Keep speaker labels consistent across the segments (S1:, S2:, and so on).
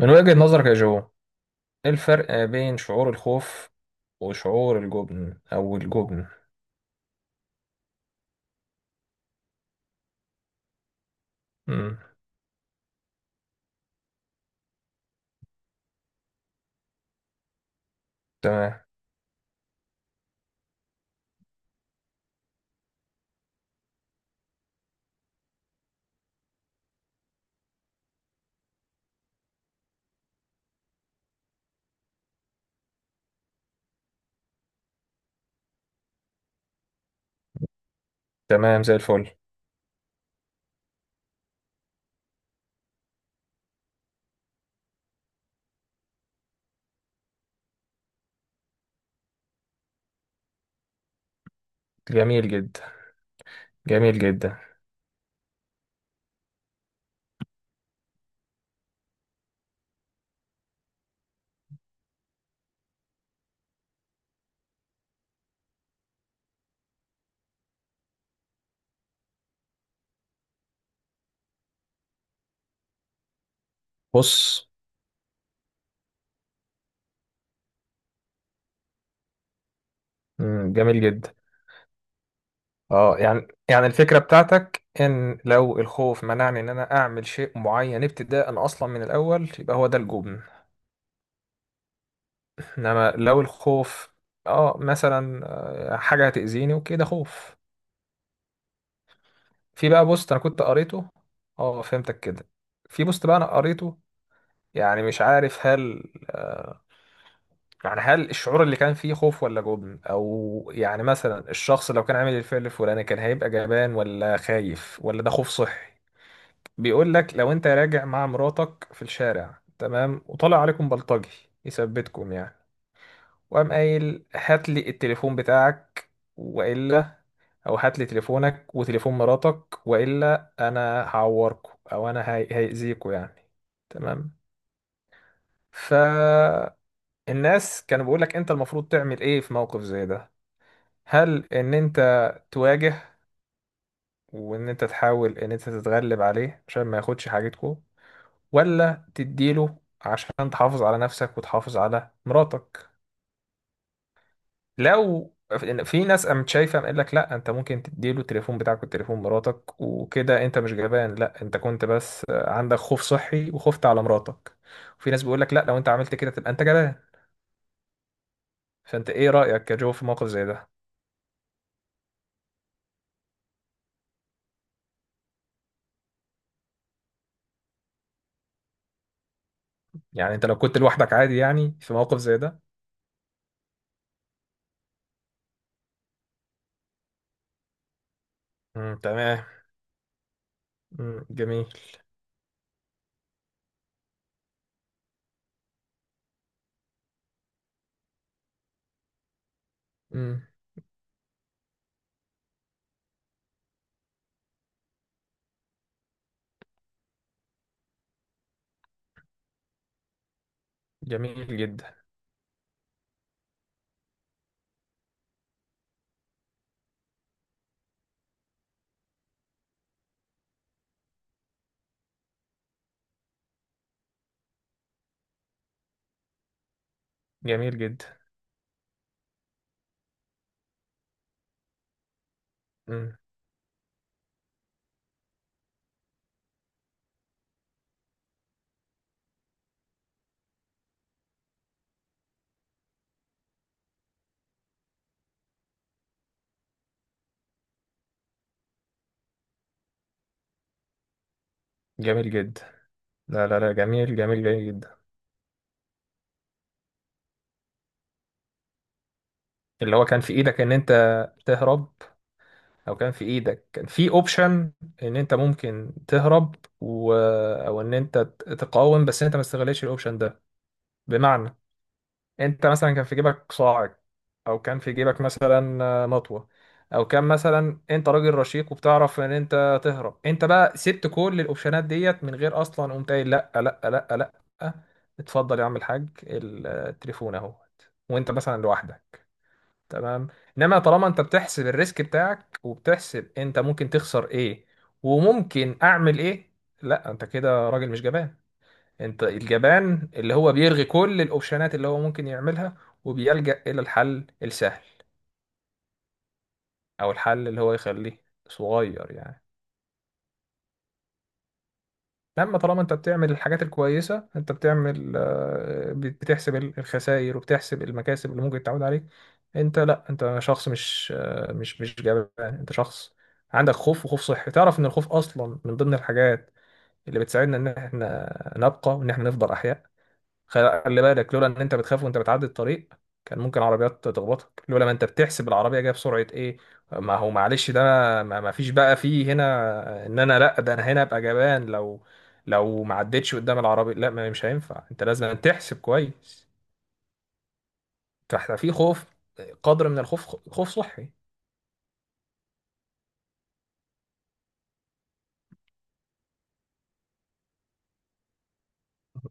S1: من وجهة نظرك يا جو، ايه الفرق بين شعور الخوف وشعور الجبن او الجبن؟ مم. تمام. تمام زي الفل. جميل جدا. جميل جدا. بص. مم. جميل جدا. اه، يعني الفكرة بتاعتك ان لو الخوف منعني ان انا اعمل شيء معين ابتداء اصلا من الاول يبقى هو ده الجبن. انما لو الخوف، اه مثلا حاجة هتأذيني وكده خوف. في بقى بوست انا كنت قريته. اه، فهمتك كده. في بوست بقى انا قريته، يعني مش عارف هل، يعني هل الشعور اللي كان فيه خوف ولا جبن، او يعني مثلا الشخص لو كان عامل الفعل الفلاني كان هيبقى جبان ولا خايف ولا ده خوف صحي؟ بيقول لك لو انت راجع مع مراتك في الشارع، تمام، وطلع عليكم بلطجي يثبتكم يعني، وقام قايل هات لي التليفون بتاعك، والا، او هات لي تليفونك وتليفون مراتك، والا انا هعوركم او انا هيأذيكوا يعني. تمام. ف الناس كانوا بيقولك انت المفروض تعمل ايه في موقف زي ده؟ هل ان انت تواجه وان انت تحاول ان انت تتغلب عليه عشان ما ياخدش حاجتكو، ولا تديله عشان تحافظ على نفسك وتحافظ على مراتك؟ لو، في ناس قامت شايفه قال لك لا انت ممكن تديله التليفون بتاعك والتليفون مراتك وكده انت مش جبان، لا انت كنت بس عندك خوف صحي وخفت على مراتك. وفي ناس بيقول لك لا، لو انت عملت كده تبقى انت جبان. فانت ايه رايك يا جو في موقف زي ده؟ يعني انت لو كنت لوحدك عادي يعني في موقف زي ده؟ امم. تمام. امم. جميل. امم. جميل جدا. جميل جدا. امم. جميل جدا. لا، لا، لا. جميل. جميل. جميل جدا. اللي هو كان في ايدك ان انت تهرب، او كان في ايدك كان في اوبشن ان انت ممكن تهرب، و... او ان انت تقاوم بس انت ما استغلتش الاوبشن ده. بمعنى، انت مثلا كان في جيبك صاعد، او كان في جيبك مثلا مطوه، او كان مثلا انت راجل رشيق وبتعرف ان انت تهرب، انت بقى سبت كل الاوبشنات ديت من غير اصلا، قمت قايل لا، لا، لا، لا، اتفضل يا عم الحاج التليفون اهو. وانت مثلا لوحدك. تمام. انما طالما انت بتحسب الريسك بتاعك وبتحسب انت ممكن تخسر ايه وممكن اعمل ايه، لا انت كده راجل مش جبان. انت الجبان اللي هو بيلغي كل الاوبشنات اللي هو ممكن يعملها، وبيلجأ الى الحل السهل، او الحل اللي هو يخليه صغير يعني. لما طالما انت بتعمل الحاجات الكويسة انت بتعمل بتحسب الخسائر وبتحسب المكاسب اللي ممكن تعود عليك. انت لا انت شخص مش مش جبان، انت شخص عندك خوف وخوف صحي. تعرف ان الخوف اصلا من ضمن الحاجات اللي بتساعدنا ان احنا نبقى وان احنا نفضل احياء. خلي بالك، لولا ان انت بتخاف وانت بتعدي الطريق كان ممكن عربيات تخبطك، لولا ما انت بتحسب العربيه جايه بسرعه ايه. ما هو معلش ده. ما فيش بقى فيه هنا ان انا لا، ده انا هنا ابقى جبان، لو ما عدتش قدام العربيه. لا، ما مش هينفع، انت لازم تحسب كويس. فاحنا في خوف، قدر من الخوف، خوف صحي.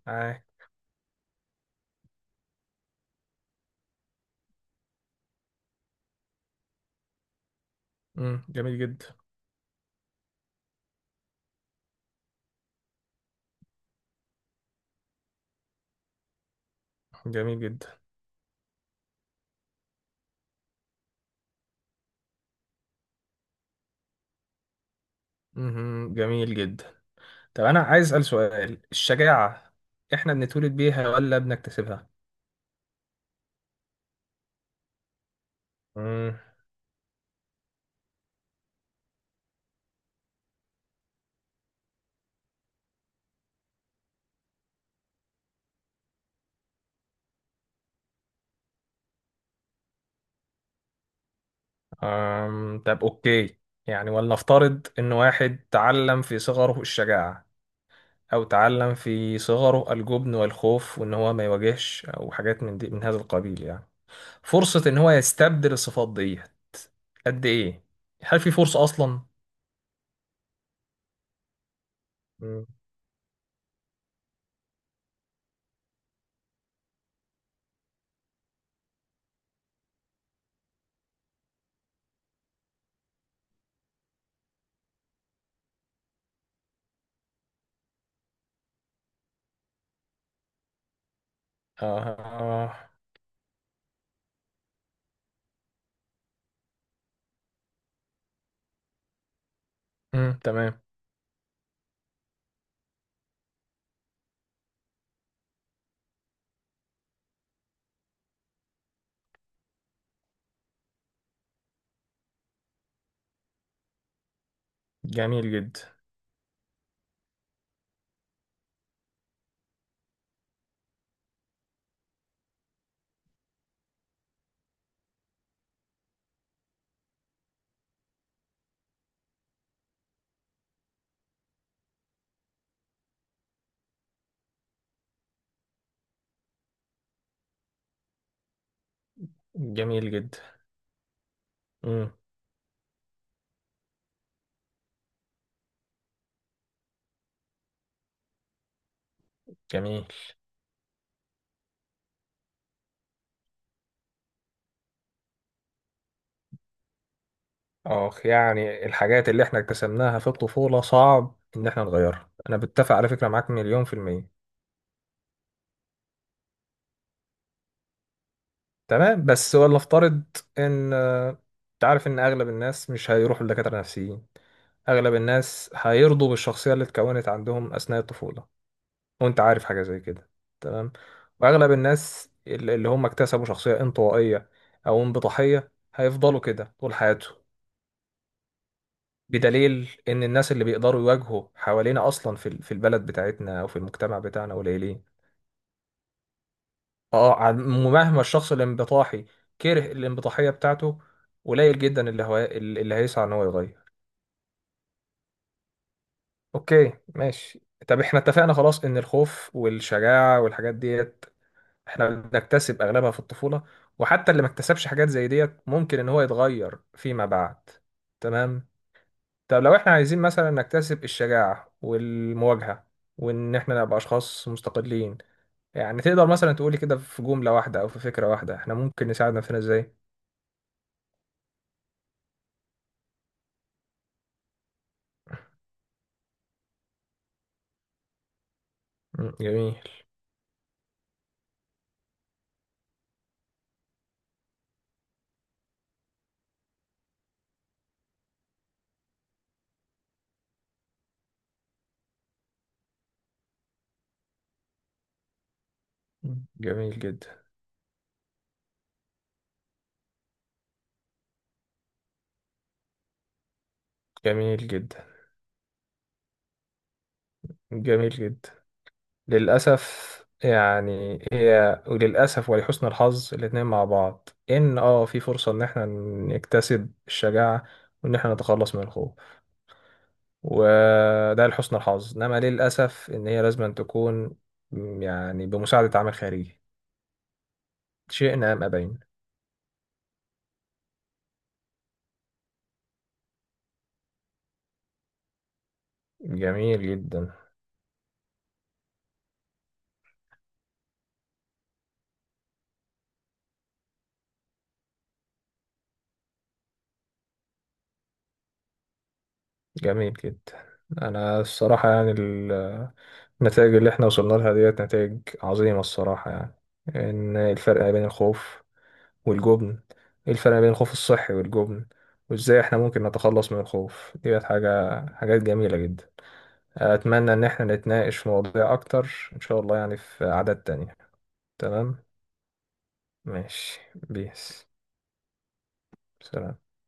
S1: آه. مم. جميل جدا. جميل جدا. مهم. جميل جدا. طب انا عايز اسال سؤال، الشجاعه احنا بنتولد بيها ولا بنكتسبها؟ مم. طب اوكي، يعني ولنفترض ان واحد تعلم في صغره الشجاعة، او تعلم في صغره الجبن والخوف وان هو ما يواجهش او حاجات من دي من هذا القبيل يعني، فرصة ان هو يستبدل الصفات دي قد ايه؟ هل في فرصة اصلا؟ مم. آه. آه. مم. تمام. جميل جدا. جميل جدا. مم. جميل. اخ، يعني الحاجات اللي احنا اكتسبناها في الطفولة صعب ان احنا نغيرها، انا بتفق على فكرة معاك مليون في المية. تمام، بس ولا افترض ان انت عارف ان اغلب الناس مش هيروحوا لدكاتره نفسيين. اغلب الناس هيرضوا بالشخصيه اللي اتكونت عندهم اثناء الطفوله، وانت عارف حاجه زي كده. تمام. واغلب الناس اللي هم اكتسبوا شخصيه انطوائيه او انبطاحيه هيفضلوا كده طول حياتهم. بدليل ان الناس اللي بيقدروا يواجهوا حوالينا اصلا في في البلد بتاعتنا او في المجتمع بتاعنا قليلين. اه، مهما الشخص الانبطاحي كره الانبطاحية بتاعته، قليل جدا اللي هيسعى ان هو يغير. اوكي ماشي. طب احنا اتفقنا خلاص ان الخوف والشجاعة والحاجات ديت احنا بنكتسب اغلبها في الطفولة، وحتى اللي ما اكتسبش حاجات زي ديت ممكن ان هو يتغير فيما بعد. تمام. طب لو احنا عايزين مثلا نكتسب الشجاعة والمواجهة وان احنا نبقى اشخاص مستقلين، يعني تقدر مثلا تقولي كده في جملة واحدة او في فكرة واحدة احنا ممكن نساعد نفسنا ازاي؟ مم، جميل. مم، جميل جدا. جميل جدا. جميل جدا. للأسف. يعني هي وللأسف ولحسن الحظ الاتنين مع بعض، إن في فرصة إن إحنا نكتسب الشجاعة وإن إحنا نتخلص من الخوف، وده لحسن الحظ، إنما للأسف إن هي لازم تكون، يعني بمساعدة عامل خارجي، شئنا أم أبينا. جميل جدا. جميل جدا. انا الصراحه يعني النتائج اللي احنا وصلنا لها ديت نتائج عظيمه الصراحه يعني. ان الفرق ما بين الخوف والجبن، إيه الفرق ما بين الخوف الصحي والجبن، وازاي احنا ممكن نتخلص من الخوف ديت، حاجات جميله جدا. اتمنى ان احنا نتناقش في مواضيع اكتر ان شاء الله، يعني في عادات تانية. تمام. ماشي. بيس. سلام.